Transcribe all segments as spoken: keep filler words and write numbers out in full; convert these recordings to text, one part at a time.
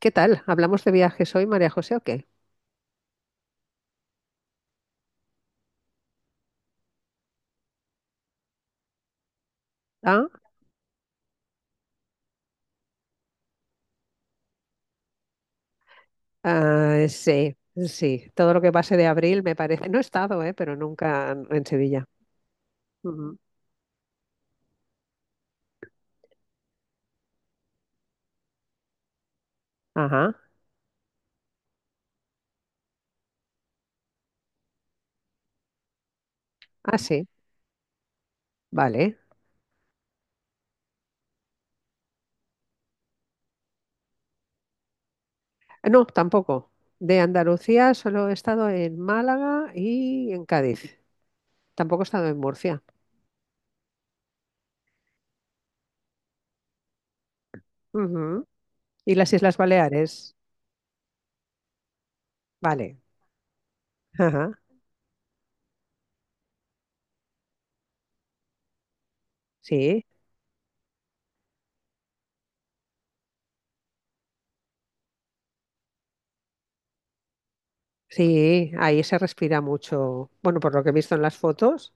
¿Qué tal? ¿Hablamos de viajes hoy, María José, o qué? Ah, ah, sí, sí. Todo lo que pase de abril me parece. No he estado, eh, pero nunca en Sevilla. Ujú. Ajá. Ah, sí. Vale. Ah, no, tampoco. De Andalucía solo he estado en Málaga y en Cádiz. Tampoco he estado en Murcia. Ujú. ¿Y las Islas Baleares? Vale. Ajá. Sí. Sí, ahí se respira mucho. Bueno, por lo que he visto en las fotos.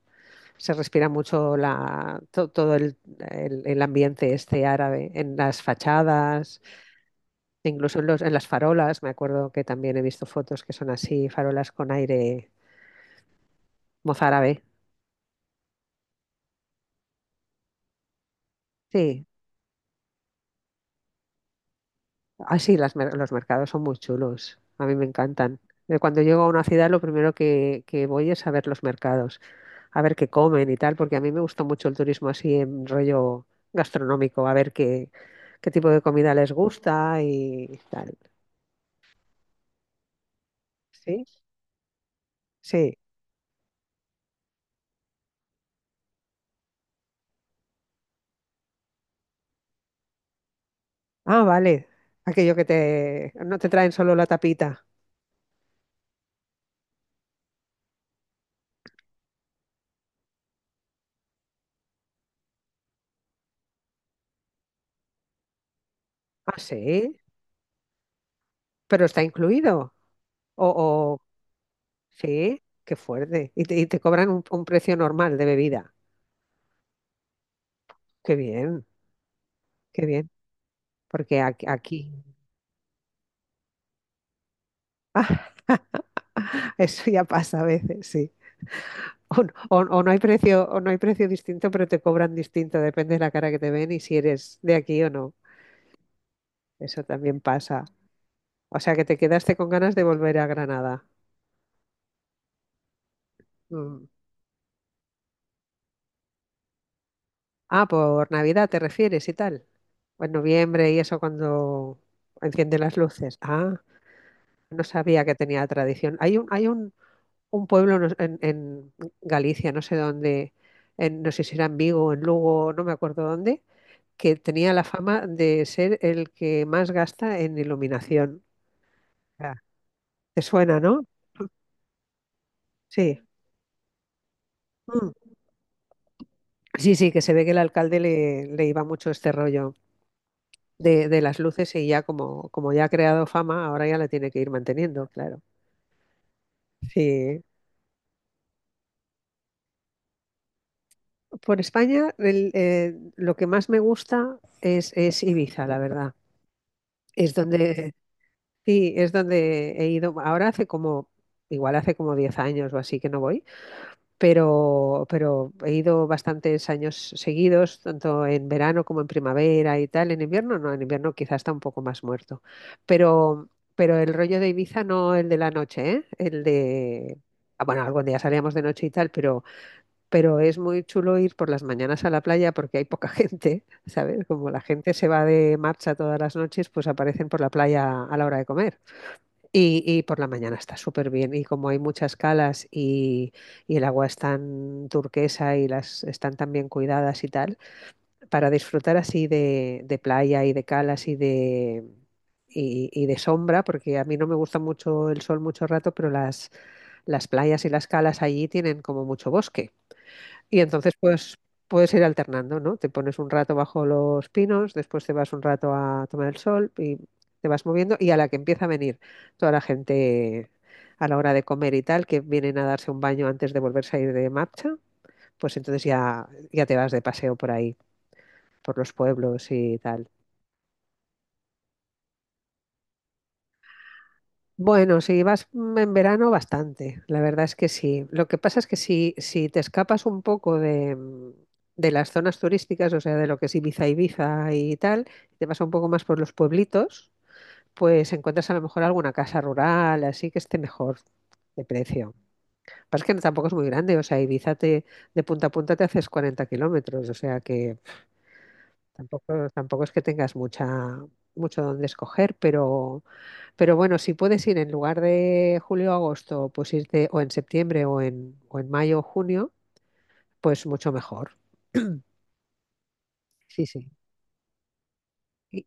Se respira mucho la, to- todo el, el- el ambiente este árabe en las fachadas, incluso en, los- en las farolas. Me acuerdo que también he visto fotos que son así, farolas con aire mozárabe. Sí, así las, mer- los mercados son muy chulos. A mí me encantan. Eh, Cuando llego a una ciudad, lo primero que, que voy es a ver los mercados, a ver qué comen y tal, porque a mí me gusta mucho el turismo así en rollo gastronómico, a ver qué, qué tipo de comida les gusta y tal. Sí. Sí. Ah, vale. Aquello que te. No te traen solo la tapita. Ah, sí. Pero está incluido. O, o... Sí, qué fuerte. Y te, y te cobran un, un precio normal de bebida. Qué bien, qué bien. Porque aquí, aquí eso ya pasa a veces, sí. O, n- o- o no hay precio, o no hay precio distinto, pero te cobran distinto. Depende de la cara que te ven y si eres de aquí o no. Eso también pasa. O sea que te quedaste con ganas de volver a Granada. Mm. Ah, por Navidad te refieres y tal. En noviembre y eso cuando enciende las luces. Ah, no sabía que tenía tradición. Hay un, hay un, un pueblo no- en, en Galicia, no sé dónde, en- no sé si era en Vigo, o en Lugo, no me acuerdo dónde, que tenía la fama de ser el que más gasta en iluminación. Ah. ¿Te suena, no? Sí. Mm. Sí, sí, que se ve que el alcalde le, le iba mucho este rollo de, de las luces y ya como, como ya ha creado fama, ahora ya la tiene que ir manteniendo, claro. Sí. Por España, el, eh, lo que más me gusta es, es Ibiza, la verdad. Es donde, sí, es donde he ido. Ahora hace como, igual hace como diez años o así que no voy, pero, pero he ido bastantes años seguidos, tanto en verano como en primavera y tal. En invierno no, en invierno quizás está un poco más muerto. Pero, pero el rollo de Ibiza no el de la noche, ¿eh? El de. ah, Bueno, algún día salíamos de noche y tal, pero pero es muy chulo ir por las mañanas a la playa porque hay poca gente, ¿sabes? Como la gente se va de marcha todas las noches, pues aparecen por la playa a la hora de comer. Y, y por la mañana está súper bien. Y como hay muchas calas y, y el agua es tan turquesa y las están tan bien cuidadas y tal, para disfrutar así de, de playa y de calas y de. Y, y de sombra, porque a mí no me gusta mucho el sol mucho rato, pero las, las playas y las calas allí tienen como mucho bosque. Y entonces pues puedes ir alternando, ¿no? Te pones un rato bajo los pinos, después te vas un rato a tomar el sol y te vas moviendo y a la que empieza a venir toda la gente a la hora de comer y tal, que vienen a darse un baño antes de volverse a ir de marcha, pues entonces ya, ya te vas de paseo por ahí, por los pueblos y tal. Bueno, si vas mm, en verano, bastante. La verdad es que sí. Lo que pasa es que si, si te escapas un poco de, mm, de las zonas turísticas, o sea, de lo que es Ibiza, Ibiza y tal, te vas un poco más por los pueblitos, pues encuentras a lo mejor alguna casa rural, así que esté mejor de precio. Pasa que no- tampoco es muy grande, o sea, Ibiza te, de punta a punta te haces cuarenta kilómetros, o sea que tampoco, tampoco es que tengas mucha, mucho donde escoger, pero. Pero bueno, si puedes ir en lugar de julio o agosto, pues irte o en septiembre o en, o en mayo o junio, pues mucho mejor. Sí, sí. Y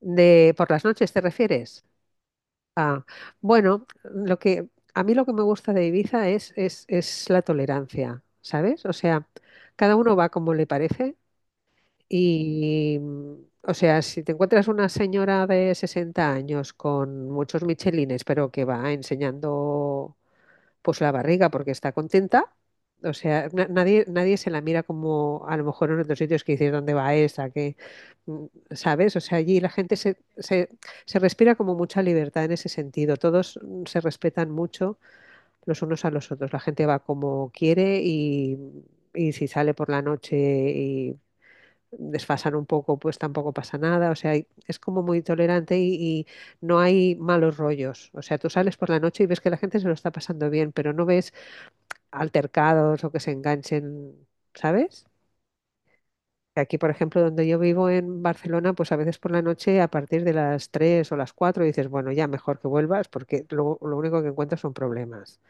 De, ¿por las noches te refieres? Ah, bueno, lo que a mí lo que me gusta de Ibiza es, es, es la tolerancia, ¿sabes? O sea, cada uno va como le parece y, mm, o sea, si te encuentras una señora de sesenta años con muchos michelines, pero que va enseñando pues la barriga, porque está contenta. O sea, na- nadie, nadie se la mira como a lo mejor en otros sitios que dices dónde va esa, que, mm, ¿sabes? O sea, allí la gente se, se, se respira como mucha libertad en ese sentido. Todos mm, se respetan mucho los unos a los otros. La gente va como quiere y, y si sale por la noche y desfasan un poco, pues tampoco pasa nada. O sea, hay- es como muy tolerante y, y no hay malos rollos. O sea, tú sales por la noche y ves que la gente se lo está pasando bien, pero no ves altercados o que se enganchen, ¿sabes? Aquí, por ejemplo, donde yo vivo en Barcelona, pues a veces por la noche, a partir de las tres o las cuatro dices, bueno, ya mejor que vuelvas porque lo, lo único que encuentras son problemas,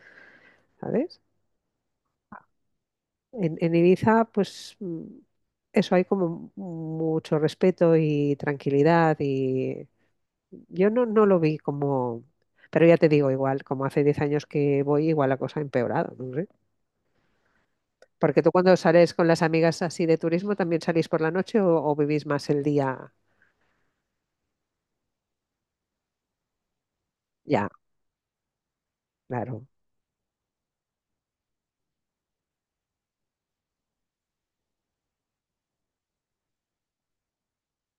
¿sabes? En, en Ibiza, pues mm, eso hay como mucho respeto y tranquilidad y yo no, no lo vi como, pero ya te digo, igual, como hace diez años que voy, igual la cosa ha empeorado, ¿no? Porque tú cuando sales con las amigas así de turismo, ¿también salís por la noche o, o vivís más el día? Ya, claro.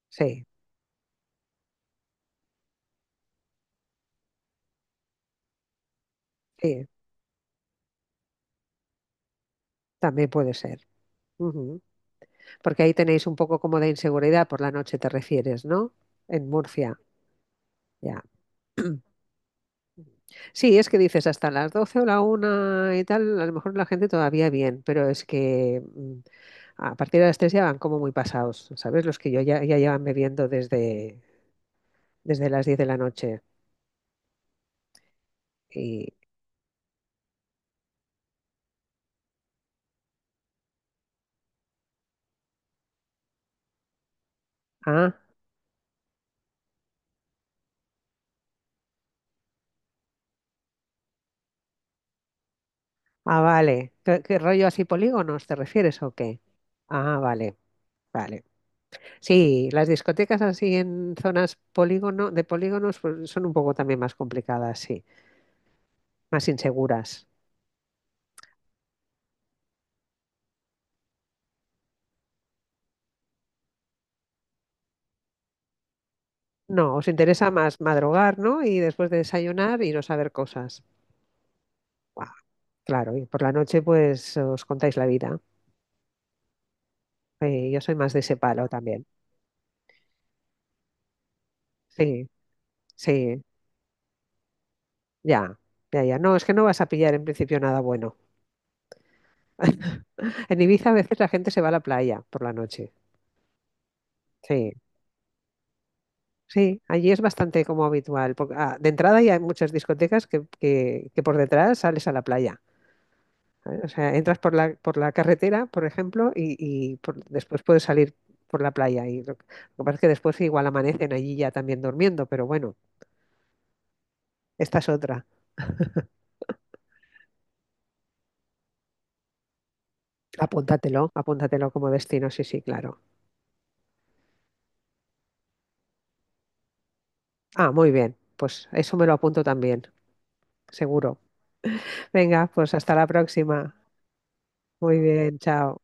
Sí, sí, también puede ser. Ujú. Porque ahí tenéis un poco como de inseguridad por la noche, te refieres, ¿no? En Murcia. Ya. Sí, es que dices hasta las doce o la una y tal, a lo mejor la gente todavía bien, pero es que mm, a partir de las tres ya van como muy pasados, ¿sabes? Los que yo ya, ya llevan bebiendo desde, desde las diez de la noche. Y, ah, Ah, vale. ¿Qué, qué rollo así polígonos te refieres o qué? Ah, vale, vale. Sí, las discotecas así en zonas polígono, de polígonos pues, son un poco también más complicadas, sí, más inseguras. No, os interesa más madrugar, ¿no? Y después de desayunar iros a ver cosas. Guau, claro, y por la noche pues os contáis la vida. Sí, yo soy más de ese palo también. Sí, sí, ya, ya, ya. No, es que no vas a pillar en principio nada bueno. En Ibiza a veces la gente se va a la playa por la noche. Sí. Sí, allí es bastante como habitual. Porque, ah, de entrada ya hay muchas discotecas que, que- que por detrás sales a la playa. ¿Eh? O sea, entras por la, por la, carretera, por ejemplo, y, y por- después puedes salir por la playa. Y lo, que lo que pasa es que después igual amanecen allí ya también durmiendo, pero bueno, esta es otra. Apúntatelo, apúntatelo como destino, sí, sí, claro. Ah, muy bien, pues eso me lo apunto también, seguro. Venga, pues hasta la próxima. Muy bien, chao.